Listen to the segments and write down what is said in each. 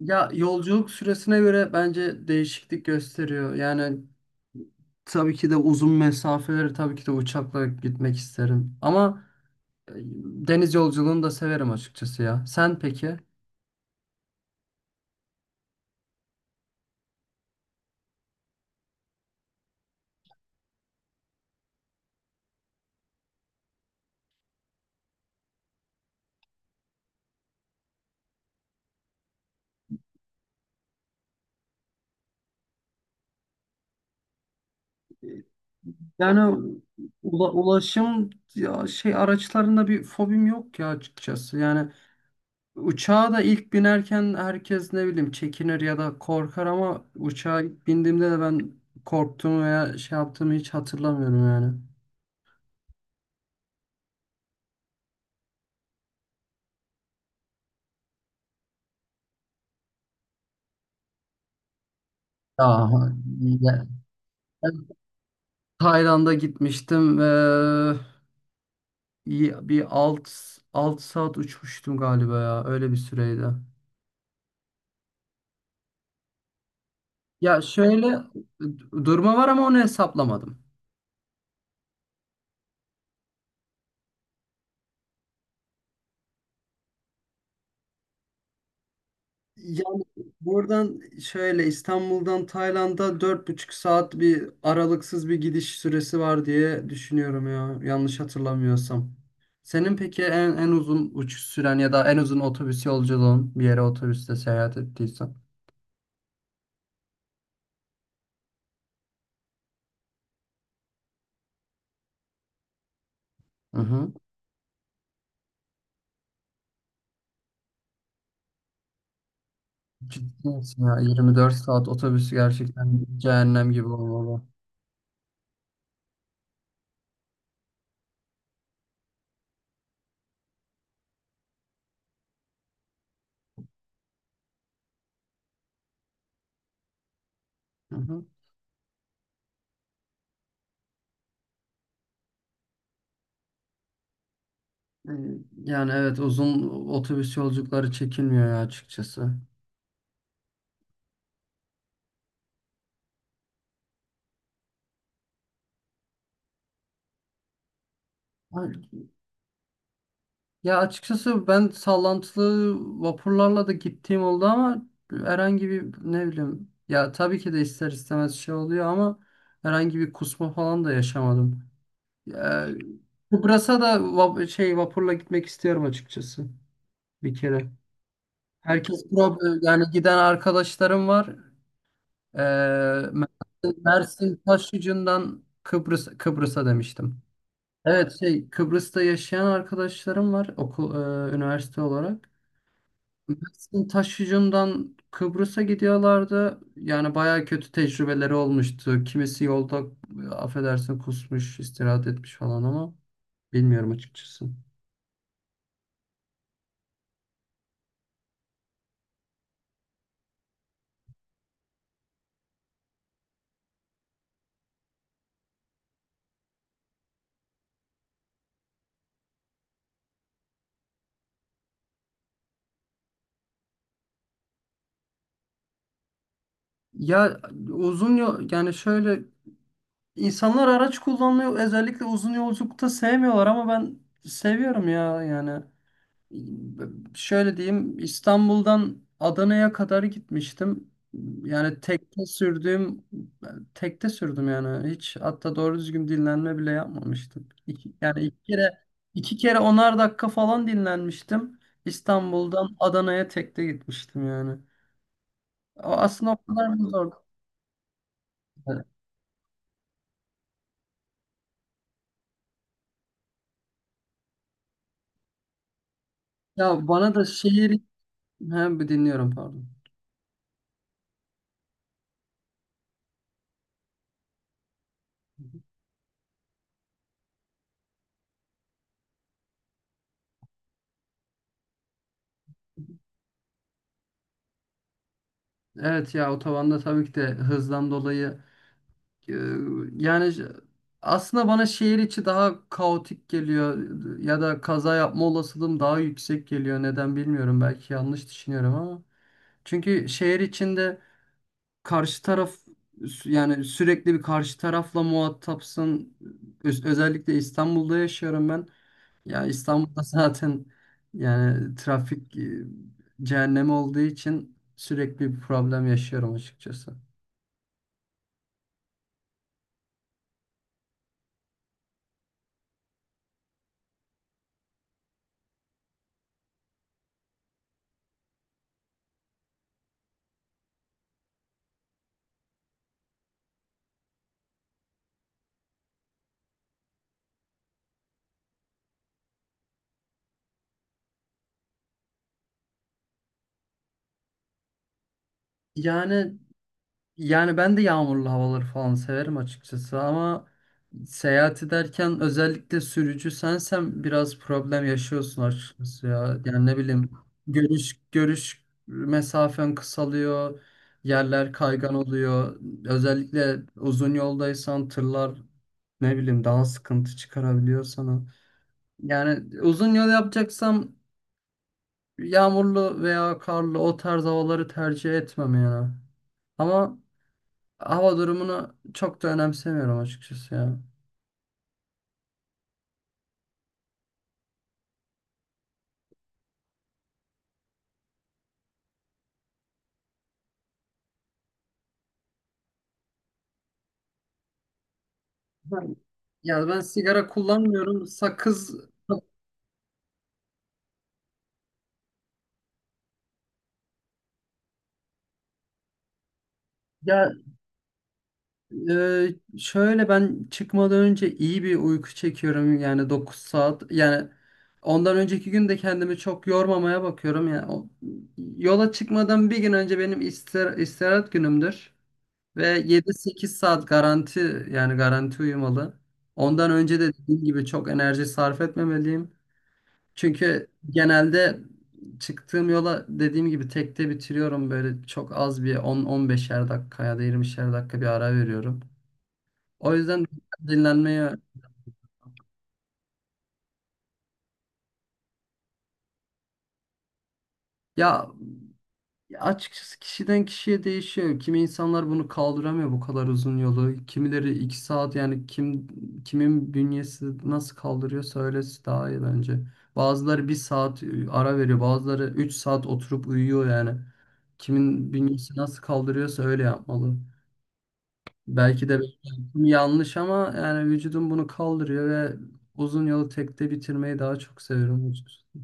Ya yolculuk süresine göre bence değişiklik gösteriyor. Yani tabii ki de uzun mesafeleri tabii ki de uçakla gitmek isterim. Ama e, deniz yolculuğunu da severim açıkçası ya. Sen peki? Yani ulaşım ya şey araçlarında bir fobim yok ya açıkçası. Yani uçağa da ilk binerken herkes ne bileyim çekinir ya da korkar ama uçağa ilk bindiğimde de ben korktuğumu veya şey yaptığımı hiç hatırlamıyorum yani. Ya, ya- ben Tayland'a gitmiştim ve bir alt saat uçmuştum galiba ya, öyle bir süreydi. Ya şöyle, durma var ama onu hesaplamadım. Yani buradan şöyle, İstanbul'dan Tayland'a 4,5 saat bir aralıksız bir gidiş süresi var diye düşünüyorum ya, yanlış hatırlamıyorsam. Senin peki en uzun uçuş süren ya da en uzun otobüs yolculuğun, bir yere otobüste seyahat ettiysen? Hı hı. Ciddi misin ya? 24 saat otobüs gerçekten cehennem gibi olmalı. Hı hı. Ee, Yani evet, uzun otobüs yolculukları çekilmiyor ya açıkçası. Ay, ya açıkçası ben sallantılı vapurlarla da gittiğim oldu ama herhangi bir ne bileyim ya, tabii ki de ister istemez şey oluyor ama herhangi bir kusma falan da yaşamadım. Ya, Kıbrıs'a da vapurla gitmek istiyorum açıkçası, bir kere. Herkes pro, yani giden arkadaşlarım var. Mersin Taşyucu'ndan Kıbrıs'a demiştim. Evet, Kıbrıs'ta yaşayan arkadaşlarım var, üniversite olarak. Mersin Taşyucu'ndan Kıbrıs'a gidiyorlardı. Yani baya kötü tecrübeleri olmuştu. Kimisi yolda, affedersin, kusmuş, istirahat etmiş falan ama bilmiyorum açıkçası. Ya uzun yol, yani şöyle, insanlar araç kullanmayı özellikle uzun yolculukta sevmiyorlar ama ben seviyorum ya yani. Şöyle diyeyim, İstanbul'dan Adana'ya kadar gitmiştim. Yani tekte sürdüm yani. Hiç hatta doğru düzgün dinlenme bile yapmamıştım. Yani iki kere 10'ar dakika falan dinlenmiştim. İstanbul'dan Adana'ya tekte gitmiştim yani. O aslında o kadar mı zor? Ya bana da şehir... Hem dinliyorum, pardon. Evet ya, otobanda tabii ki de hızdan dolayı. Ee, Yani aslında bana şehir içi daha kaotik geliyor ya da kaza yapma olasılığım daha yüksek geliyor. Neden bilmiyorum. Belki yanlış düşünüyorum ama. Çünkü şehir içinde karşı taraf, yani sürekli bir karşı tarafla muhatapsın. Özellikle İstanbul'da yaşıyorum ben. Ya İstanbul'da zaten yani trafik cehennemi olduğu için sürekli bir problem yaşıyorum açıkçası. Yani Yani ben de yağmurlu havaları falan severim açıkçası ama seyahat ederken, özellikle sürücü sensen, biraz problem yaşıyorsun açıkçası ya. Yani ne bileyim, görüş mesafen kısalıyor, yerler kaygan oluyor. Özellikle uzun yoldaysan tırlar ne bileyim daha sıkıntı çıkarabiliyor sana. Yani uzun yol yapacaksam yağmurlu veya karlı o tarz havaları tercih etmem yani. Ama hava durumunu çok da önemsemiyorum açıkçası ya. Ben, ben sigara kullanmıyorum. Sakız. ya Şöyle, ben çıkmadan önce iyi bir uyku çekiyorum yani, 9 saat. Yani ondan önceki gün de kendimi çok yormamaya bakıyorum. Yani o, yola çıkmadan bir gün önce benim istirahat günümdür. Ve 7-8 saat garanti, yani garanti uyumalı. Ondan önce de dediğim gibi çok enerji sarf etmemeliyim. Çünkü genelde çıktığım yola dediğim gibi tekte bitiriyorum, böyle çok az bir 10-15'er dakika ya da 20'şer dakika bir ara veriyorum. O yüzden dinlenmeye. Ya açıkçası kişiden kişiye değişiyor. Kimi insanlar bunu kaldıramıyor, bu kadar uzun yolu. Kimileri 2 saat, yani kimin bünyesi nasıl kaldırıyorsa öylesi daha iyi bence. Bazıları 1 saat ara veriyor. Bazıları 3 saat oturup uyuyor yani. Kimin bünyesi nasıl kaldırıyorsa öyle yapmalı. Belki de beklentim yanlış ama yani vücudum bunu kaldırıyor ve uzun yolu tekte bitirmeyi daha çok seviyorum, açıkçası.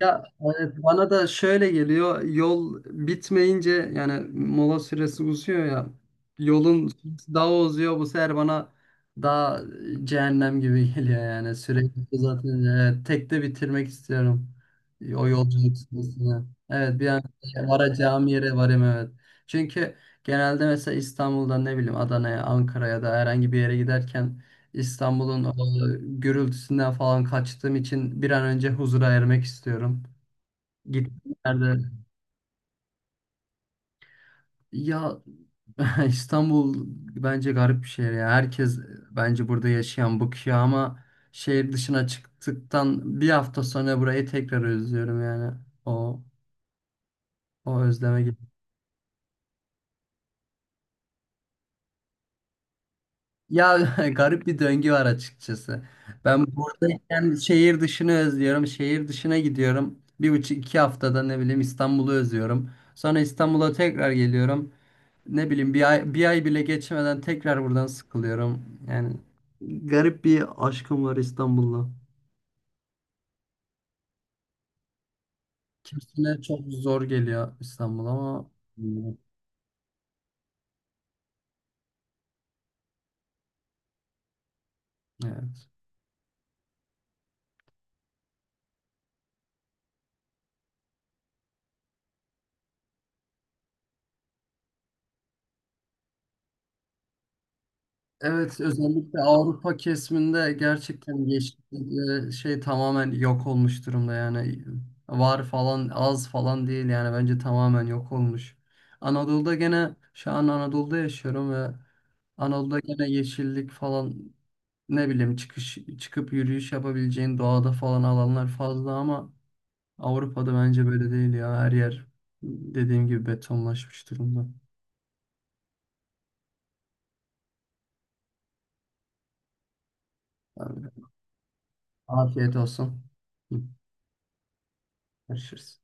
Ya evet, bana da şöyle geliyor, yol bitmeyince yani mola süresi uzuyor ya, yolun süresi daha uzuyor bu sefer bana, daha cehennem gibi geliyor yani. Sürekli zaten tek de bitirmek istiyorum o yolculuk süresini. Evet, bir an varacağım yere varayım, evet. Çünkü genelde mesela İstanbul'dan ne bileyim Adana'ya, Ankara'ya da herhangi bir yere giderken, İstanbul'un o gürültüsünden falan kaçtığım için bir an önce huzura ermek istiyorum. Gittiğim yerde. Ya İstanbul bence garip bir şehir ya. Herkes, bence burada yaşayan bıkıyor ama şehir dışına çıktıktan bir hafta sonra burayı tekrar özlüyorum yani. O o özleme... Ya garip bir döngü var açıkçası. Ben buradayken şehir dışını özlüyorum. Şehir dışına gidiyorum. Bir buçuk iki haftada ne bileyim İstanbul'u özlüyorum. Sonra İstanbul'a tekrar geliyorum. Ne bileyim bir ay, bir ay bile geçmeden tekrar buradan sıkılıyorum. Yani garip bir aşkım var İstanbul'la. Kimsine çok zor geliyor İstanbul ama bilmiyorum. Evet. Evet, özellikle Avrupa kesiminde gerçekten yeşillik tamamen yok olmuş durumda yani. Var falan, az falan değil yani, bence tamamen yok olmuş. Anadolu'da gene, şu an Anadolu'da yaşıyorum ve Anadolu'da gene yeşillik falan, ne bileyim çıkıp yürüyüş yapabileceğin doğada falan alanlar fazla ama Avrupa'da bence böyle değil ya, her yer dediğim gibi betonlaşmış durumda. Yani afiyet olsun. Hı. Görüşürüz.